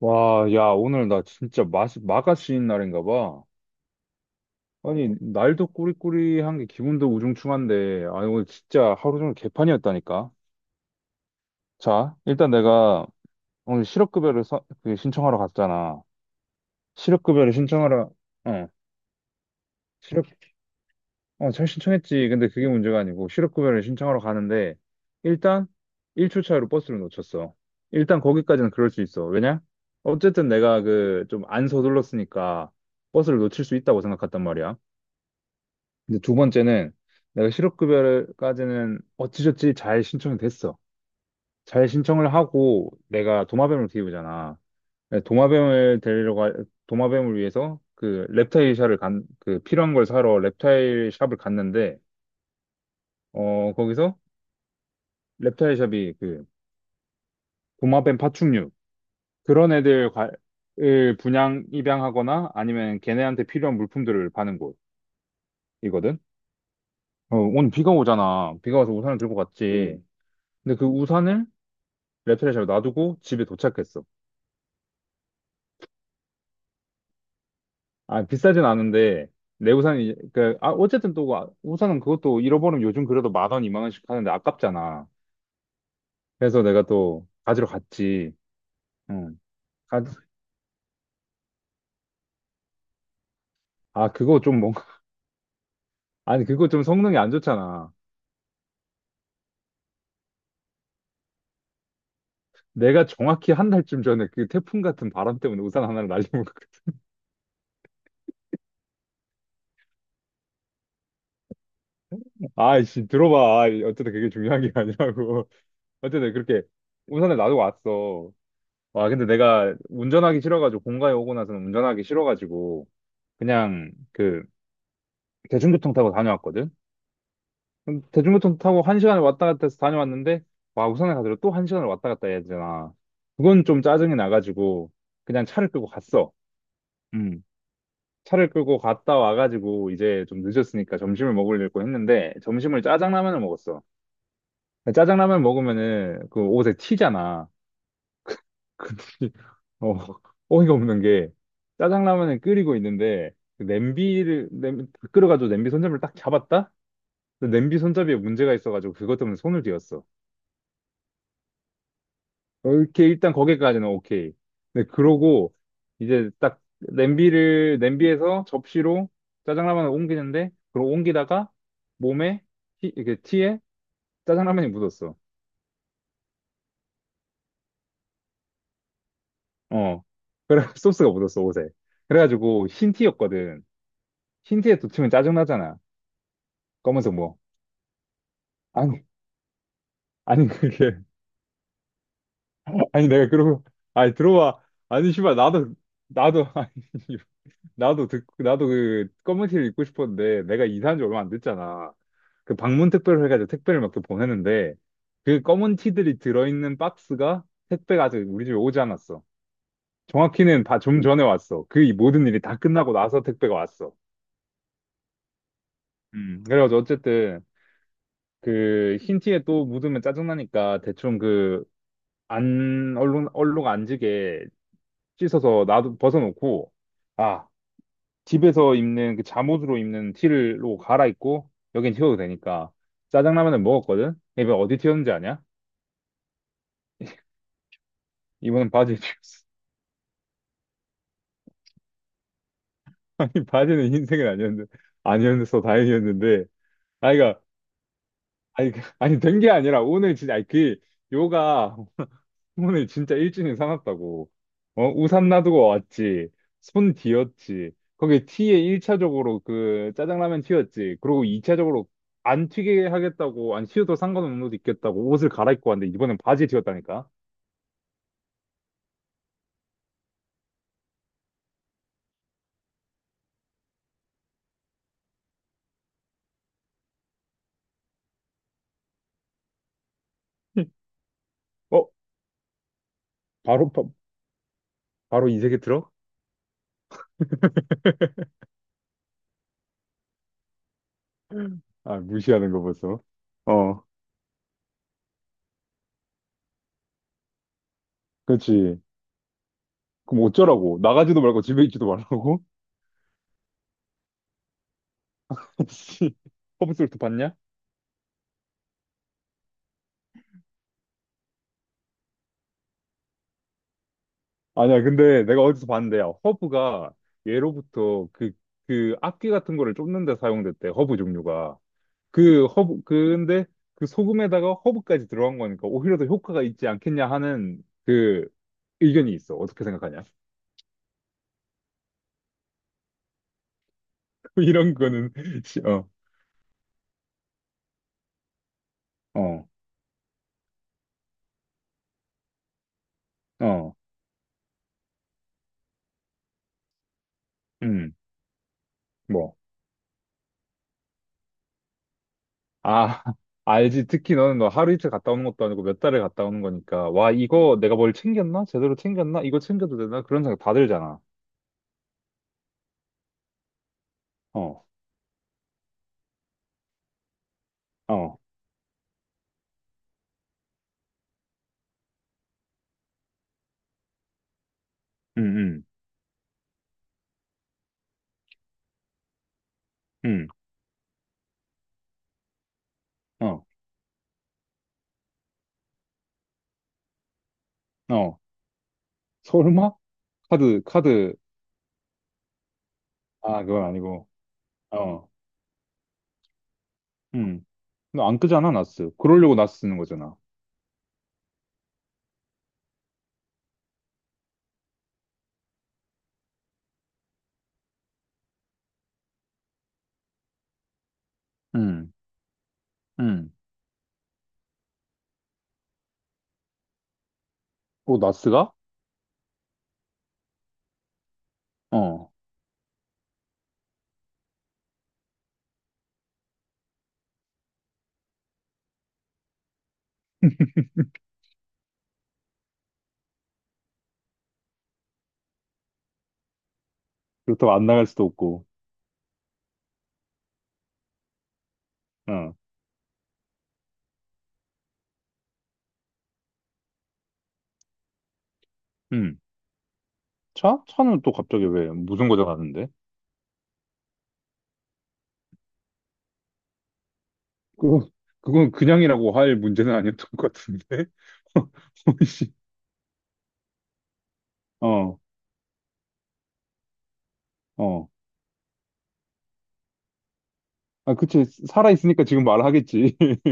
와, 야, 오늘 나 진짜 마가씨인 날인가 봐. 아니, 날도 꾸리꾸리한 게 기분도 우중충한데, 아니, 오늘 진짜 하루 종일 개판이었다니까. 자, 일단 내가 오늘 실업급여를 그 신청하러 갔잖아. 실업급여를 신청하러, 어, 실업, 잘 신청했지. 근데 그게 문제가 아니고, 실업급여를 신청하러 가는데, 일단 1초 차이로 버스를 놓쳤어. 일단 거기까지는 그럴 수 있어. 왜냐? 어쨌든 내가 그 좀 안 서둘렀으니까 버스를 놓칠 수 있다고 생각했단 말이야. 근데 두 번째는 내가 실업급여까지는 어찌저찌 잘 신청이 됐어. 잘 신청을 하고 내가 도마뱀을 키우잖아. 도마뱀을 데리러 가, 도마뱀을 위해서 그 reptile 샵을 그 필요한 걸 사러 reptile 샵을 갔는데, 거기서 reptile 샵이 그 도마뱀 파충류, 그런 애들 을 분양, 입양하거나 아니면 걔네한테 필요한 물품들을 파는 곳이거든. 어, 오늘 비가 오잖아. 비가 와서 우산을 들고 갔지. 근데 그 우산을 레프레샵에 놔두고 집에 도착했어. 아, 비싸진 않은데, 내 우산이, 그, 아, 어쨌든 또, 아, 우산은 그것도 잃어버리면 요즘 그래도 만 원, 이만 원씩 하는데 아깝잖아. 그래서 내가 또 가지러 갔지. 응. 가- 아, 그거 좀 뭔가, 아니, 그거 좀 성능이 안 좋잖아. 내가 정확히 한 달쯤 전에 그 태풍 같은 바람 때문에 우산 하나를 날리고, 아이씨, 들어봐. 아이, 어쨌든 그게 중요한 게 아니라고. 어쨌든 그렇게 우산을 놔두고 왔어. 와, 근데 내가 운전하기 싫어가지고, 본가에 오고 나서는 운전하기 싫어가지고, 그냥 그 대중교통 타고 다녀왔거든. 대중교통 타고 한 시간을 왔다 갔다 해서 다녀왔는데 와 우산을 가지고 또 한 시간을 왔다 갔다 해야 되잖아. 그건 좀 짜증이 나가지고 그냥 차를 끌고 갔어. 음. 차를 끌고 갔다 와가지고 이제 좀 늦었으니까 점심을 먹으려고 했는데 점심을 짜장라면을 먹었어. 짜장라면 먹으면은 그 옷에 튀잖아. 근데 어, 어이가 없는 게 짜장라면을 끓이고 있는데 그 냄비를 냄 끓여가지고 냄비 손잡이를 딱 잡았다? 근데 냄비 손잡이에 문제가 있어가지고 그것 때문에 손을 뒤었어. 이렇게 일단 거기까지는 오케이. 근데 그러고 이제 딱 냄비를 냄비에서 접시로 짜장라면을 옮기는데 그걸 옮기다가 몸에 이렇게 티에 짜장라면이 묻었어. 어, 그래 소스가 묻었어 옷에. 그래가지고 흰 티였거든. 흰 티에 도치면 짜증나잖아. 검은색 뭐. 아니 아니 그게 아니 내가 그러고 아니 들어와 아니 씨발 나도 아니 나도 그 검은 티를 입고 싶었는데 내가 이사한 지 얼마 안 됐잖아. 그 방문 택배로 해가지고 택배를 막 이렇게 보내는데 그 검은 티들이 들어있는 박스가 택배가 아직 우리 집에 오지 않았어. 정확히는 다 좀 전에 왔어. 그이 모든 일이 다 끝나고 나서 택배가 왔어. 그래가지고 어쨌든 그 흰 티에 또 묻으면 짜증나니까 대충 그 안, 얼룩, 얼룩 안 지게 씻어서 나도 벗어놓고 아, 집에서 입는 그 잠옷으로 입는 티를로 갈아입고 여긴 튀어도 되니까 짜장라면을 먹었거든. 이번 어디 튀었는지 아냐? 이번엔 바지에 튀었어. 아니 바지는 흰색은 아니었는데 아니었어 다행이었는데 아이가 아니 된 게 아니라 오늘 진짜 아니 그 요가 오에 진짜 일진이 사놨다고. 어, 우산 놔두고 왔지. 손 뒤었지. 거기 티에 1차적으로 그 짜장라면 튀었지. 그리고 2차적으로 안 튀게 하겠다고, 안 튀어도 상관없는 옷 입겠다고 옷을 갈아입고 왔는데 이번엔 바지 튀었다니까. 어? 바로, 바, 바로 이 세계 들어? 아, 무시하는 거 벌써. 어, 그렇지. 그럼 어쩌라고? 나가지도 말고 집에 있지도 말라고? 씨, 허브솔트 봤냐? 아니야, 근데 내가 어디서 봤는데, 야, 허브가 예로부터 그, 그 악기 같은 거를 쫓는 데 사용됐대, 허브 종류가. 그 허브, 그, 근데 그 소금에다가 허브까지 들어간 거니까 오히려 더 효과가 있지 않겠냐 하는 그 의견이 있어. 어떻게 생각하냐? 이런 거는, 씨, 어, 어, 어, 음, 뭐. 아, 알지. 특히 너는 너 하루 이틀 갔다 오는 것도 아니고 몇 달을 갔다 오는 거니까. 와, 이거 내가 뭘 챙겼나? 제대로 챙겼나? 이거 챙겨도 되나? 그런 생각 다 들잖아. 어, 어. 음, 음. 응, 어, 어. 설마? 카드, 카드. 아, 그건 아니고. 어, 응. 너 안 끄잖아, 나스. 그러려고 나스 쓰는 거잖아. 응, 응. 어, 나스가? 어. 그렇다고 안 나갈 수도 없고. 어, 응. 차? 차는 또 갑자기 왜 무슨 거죠 가는데? 그거, 그건 그냥이라고 할 문제는 아니었던 것 같은데? 혹시 어, 어. 아, 그치. 살아있으니까 지금 말하겠지.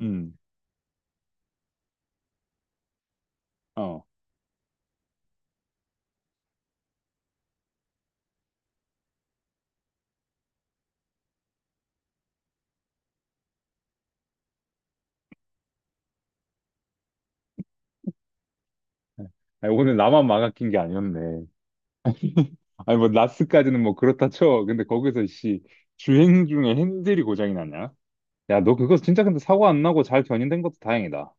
음, 어. 아니, 오늘 나만 망아낀 게 아니었네. 아니 뭐 라스까지는 뭐 그렇다 쳐. 근데 거기서 씨 주행 중에 핸들이 고장이 났냐? 야, 너 그거 진짜 근데 사고 안 나고 잘 견인된 것도 다행이다.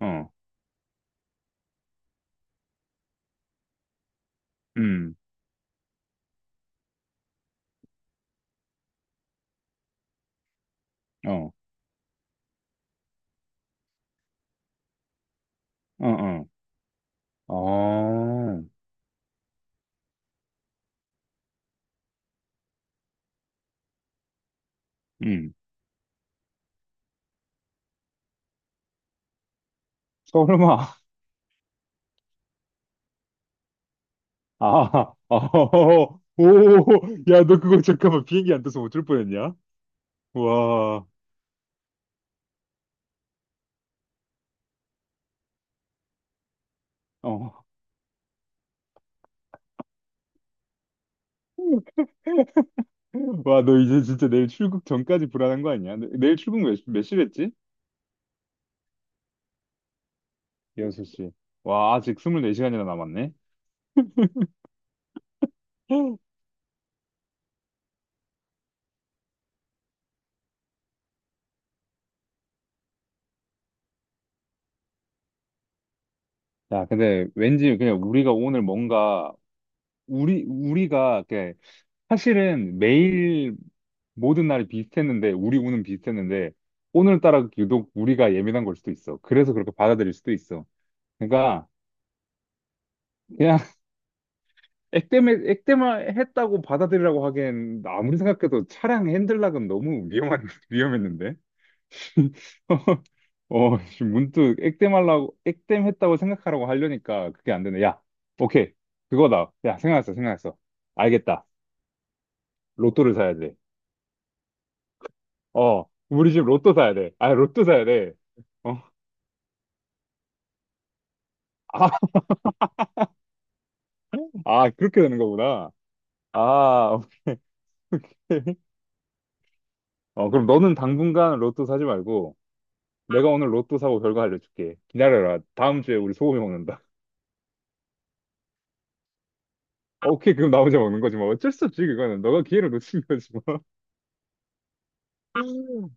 어, 음, 어, 어, 어, 어, 음. 어, 설마, 아, 어, 오, 야, 너 그거 잠깐만 비행기 안 떠서 어쩔 뻔했냐? 와, 어, 와, 너 이제 진짜 내일 출국 전까지 불안한 거 아니야? 내일 출국 몇, 시- 몇 시랬지? 여섯 시 와, 아직 24시간이나 남았네. 야, 근데 왠지 그냥 우리가 오늘 뭔가 우리가 이렇게 사실은 매일 모든 날이 비슷했는데 우리 운은 비슷했는데 오늘따라 유독 우리가 예민한 걸 수도 있어. 그래서 그렇게 받아들일 수도 있어. 그러니까 그냥 액땜에 액땜을 했다고 받아들이라고 하기엔 아무리 생각해도 차량 핸들락은 너무 위험한 위험했는데. 어, 지금 문득 액땜하려고, 액땜했다고 생각하라고 하려니까 그게 안 되네. 야, 오케이. 그거다. 야, 생각났어, 생각났어. 알겠다. 로또를 사야 돼. 어, 우리 집 로또 사야 돼. 아, 로또 사야 돼. 어, 아, 아, 그렇게 되는 거구나. 아, 오케이. 어, 그럼 너는 당분간 로또 사지 말고, 내가 오늘 로또 사고 결과 알려줄게. 기다려라. 다음 주에 우리 소고기 먹는다. 오케이, 그럼 나 혼자 먹는 거지 뭐. 어쩔 수 없지, 그거는. 너가 기회를 놓친 거지 뭐.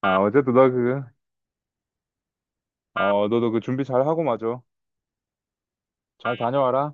아, 어쨌든 너 그, 어, 너도 그 준비 잘 하고 마저. 잘 다녀와라.